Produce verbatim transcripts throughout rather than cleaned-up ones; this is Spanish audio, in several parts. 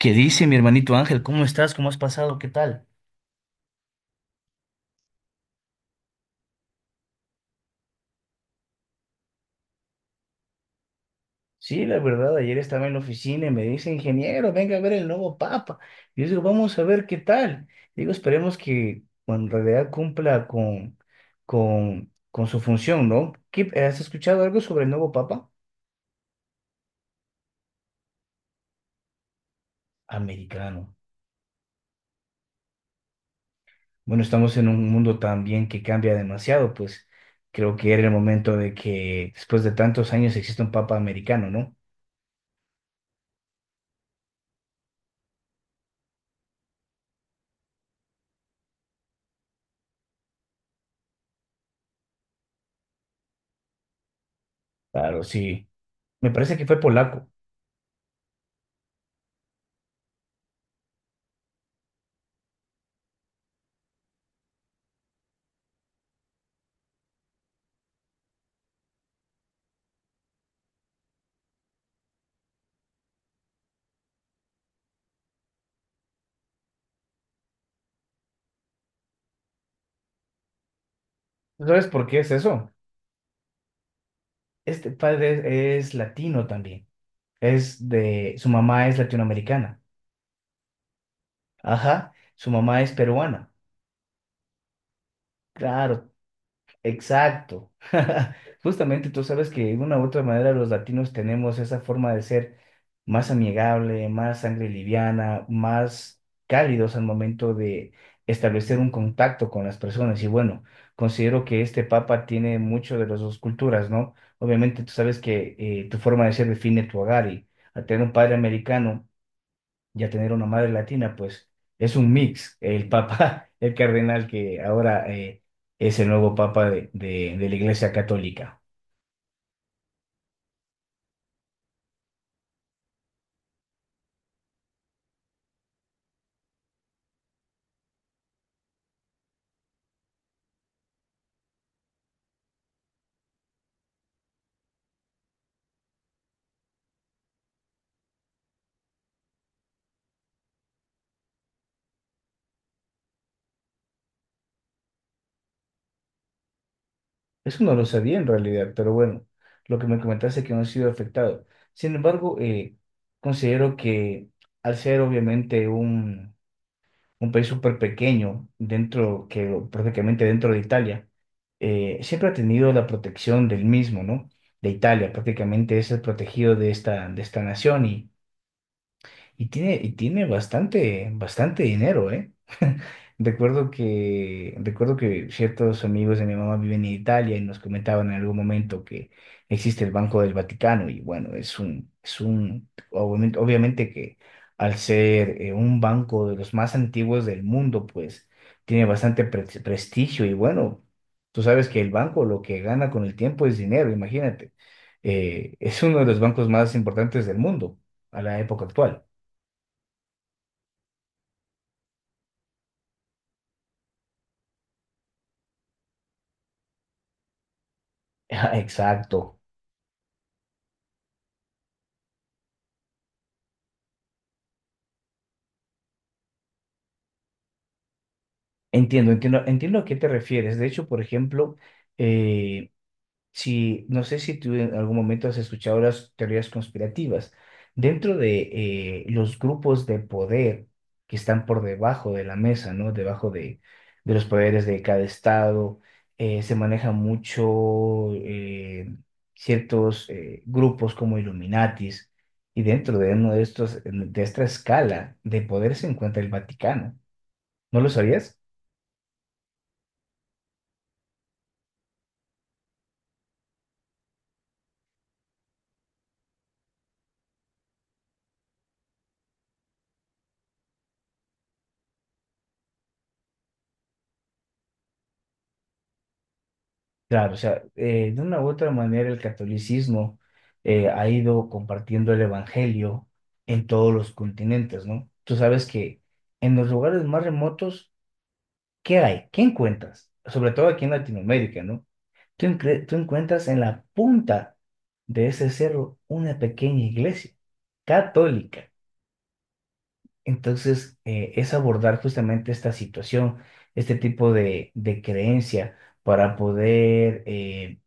¿Qué dice mi hermanito Ángel? ¿Cómo estás? ¿Cómo has pasado? ¿Qué tal? Sí, la verdad, ayer estaba en la oficina y me dice, ingeniero, venga a ver el nuevo papa. Y yo digo, vamos a ver qué tal. Digo, esperemos que bueno, en realidad cumpla con, con, con su función, ¿no? ¿Qué- has escuchado algo sobre el nuevo papa? Americano. Bueno, estamos en un mundo también que cambia demasiado, pues creo que era el momento de que después de tantos años exista un papa americano, ¿no? Claro, sí. Me parece que fue polaco. ¿Sabes por qué es eso? Este padre es latino también. Es de, su mamá es latinoamericana. Ajá, su mamá es peruana. Claro, exacto. Justamente tú sabes que de una u otra manera los latinos tenemos esa forma de ser más amigable, más sangre liviana, más cálidos al momento de establecer un contacto con las personas. Y bueno, considero que este papa tiene mucho de las dos culturas, ¿no? Obviamente tú sabes que eh, tu forma de ser define tu hogar y al tener un padre americano y a tener una madre latina, pues es un mix. El papa, el cardenal que ahora eh, es el nuevo papa de, de- de la Iglesia Católica. Eso no lo sabía en realidad, pero bueno, lo que me comentaste es que no ha sido afectado. Sin embargo, eh, considero que al ser obviamente un, un país súper pequeño, dentro, que prácticamente dentro de Italia, eh, siempre ha tenido la protección del mismo, ¿no? De Italia, prácticamente es el protegido de esta, de esta nación y, Y tiene, y tiene bastante, bastante dinero, ¿eh? Recuerdo que, recuerdo que ciertos amigos de mi mamá viven en Italia y nos comentaban en algún momento que existe el Banco del Vaticano y bueno, es un, es un, obviamente, obviamente que al ser eh, un banco de los más antiguos del mundo, pues tiene bastante pre- prestigio y bueno, tú sabes que el banco lo que gana con el tiempo es dinero, imagínate. Eh, es uno de los bancos más importantes del mundo a la época actual. Ah, exacto. Entiendo, entiendo, entiendo a qué te refieres. De hecho, por ejemplo, eh, si no sé si tú en algún momento has escuchado las teorías conspirativas. Dentro de eh, los grupos de poder que están por debajo de la mesa, ¿no? Debajo de, de los poderes de cada estado, eh, se maneja mucho eh, ciertos eh, grupos como Illuminatis, y dentro de uno de estos, de esta escala de poder se encuentra el Vaticano. ¿No lo sabías? Claro, o sea, eh, de una u otra manera el catolicismo eh, ha ido compartiendo el evangelio en todos los continentes, ¿no? Tú sabes que en los lugares más remotos, ¿qué hay? ¿Qué encuentras? Sobre todo aquí en Latinoamérica, ¿no? Tú, encre- tú encuentras en la punta de ese cerro una pequeña iglesia católica. Entonces, eh, es abordar justamente esta situación, este tipo de, de creencia para poder eh,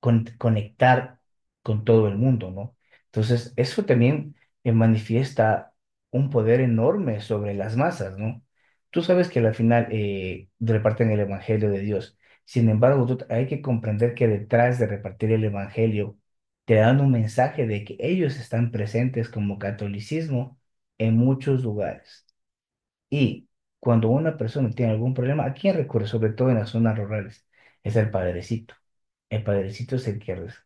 con- conectar con todo el mundo, ¿no? Entonces, eso también eh, manifiesta un poder enorme sobre las masas, ¿no? Tú sabes que al final eh, reparten el Evangelio de Dios. Sin embargo, tú- hay que comprender que detrás de repartir el Evangelio, te dan un mensaje de que ellos están presentes como catolicismo en muchos lugares. Y cuando una persona tiene algún problema, ¿a quién recurre? Sobre todo en las zonas rurales. Es el padrecito. El padrecito es el que, res-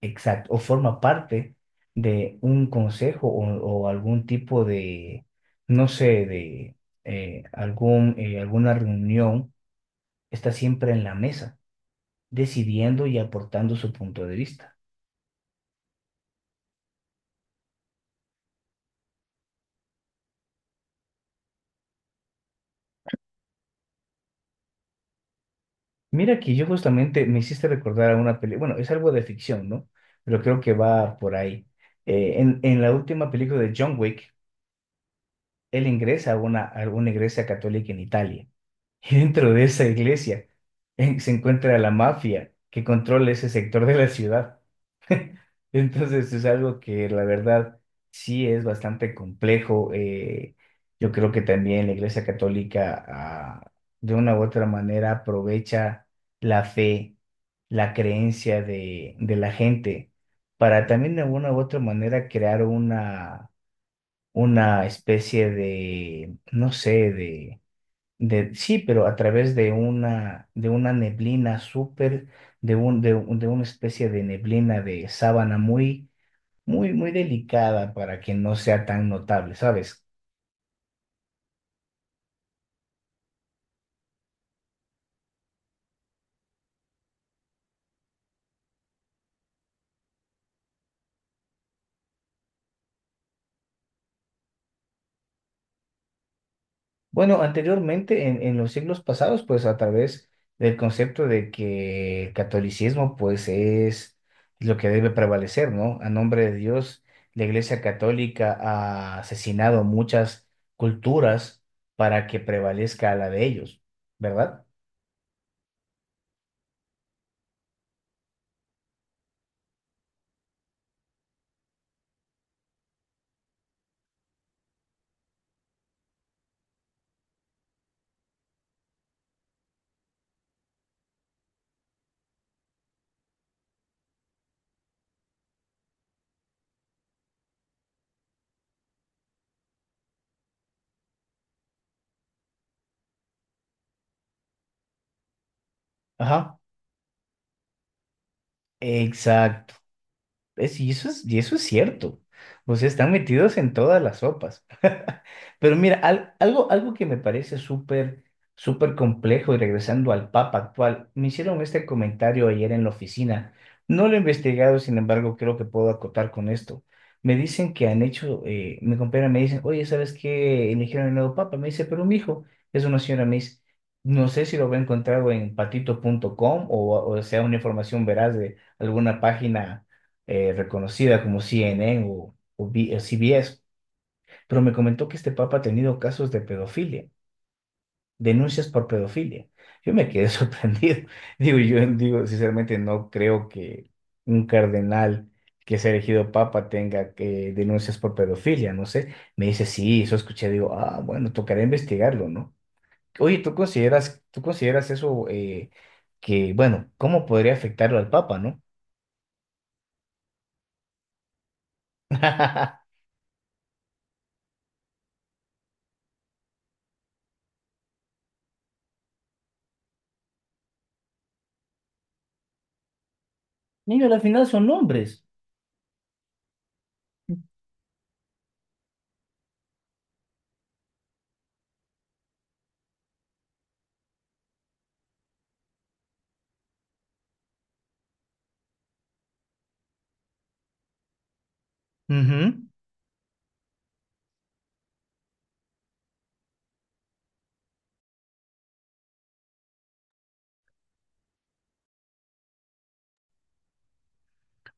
exacto, o forma parte de un consejo o, o algún tipo de, no sé, de eh, algún, eh, alguna reunión. Está siempre en la mesa, decidiendo y aportando su punto de vista. Mira que yo justamente me hiciste recordar a una película, bueno, es algo de ficción, ¿no? Pero creo que va por ahí. Eh, en, en la última película de John Wick, él ingresa a una, a una iglesia católica en Italia. Y dentro de esa iglesia eh, se encuentra la mafia que controla ese sector de la ciudad. Entonces es algo que la verdad sí es bastante complejo. Eh, yo creo que también la Iglesia Católica ah, de una u otra manera aprovecha la fe, la creencia de, de la gente para también de una u otra manera crear una, una especie de, no sé, de de, sí, pero a través de una, de una neblina súper, de un, de, un- de una especie de neblina de sábana muy, muy, muy delicada para que no sea tan notable, ¿sabes? Bueno, anteriormente, en, en los siglos pasados, pues a través del concepto de que el catolicismo, pues es lo que debe prevalecer, ¿no? A nombre de Dios, la Iglesia Católica ha asesinado muchas culturas para que prevalezca la de ellos, ¿verdad? Ajá. Exacto. Es, y eso es, y eso es cierto. O sea, están metidos en todas las sopas. Pero mira, al- algo, algo que me parece súper, súper complejo y regresando al Papa actual, me hicieron este comentario ayer en la oficina. No lo he investigado, sin embargo, creo que puedo acotar con esto. Me dicen que han hecho, eh, mi compañera me dicen, oye, ¿sabes qué? Eligieron el nuevo Papa. Me dice, pero mi hijo es una señora, me dice, no sé si lo voy a encontrar en patito punto com o, o sea, una información veraz de alguna página eh, reconocida como C N N o, o B- o C B S, pero me comentó que este papa ha tenido casos de pedofilia, denuncias por pedofilia. Yo me quedé sorprendido. Digo, yo digo, sinceramente no creo que un cardenal que sea elegido papa tenga que denuncias por pedofilia, no sé. Me dice, sí, eso escuché, digo, ah, bueno, tocará investigarlo, ¿no? Oye, ¿tú consideras, tú consideras eso eh, que, bueno, cómo podría afectarlo al papa, ¿no? Mira, al final son hombres. Ujú.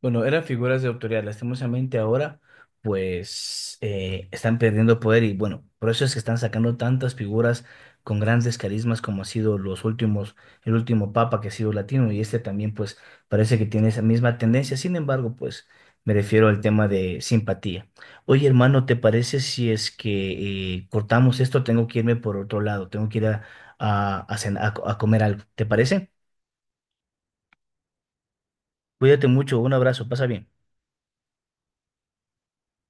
Bueno, eran figuras de autoridad. Lastimosamente ahora, pues, eh, están perdiendo poder y bueno, por eso es que están sacando tantas figuras con grandes carismas como ha sido los últimos, el último papa que ha sido latino y este también, pues, parece que tiene esa misma tendencia. Sin embargo, pues, me refiero al tema de simpatía. Oye, hermano, ¿te parece si es que eh, cortamos esto? Tengo que irme por otro lado, tengo que ir a, a, a cen- a co- a comer algo. ¿Te parece? Cuídate mucho, un abrazo, pasa bien.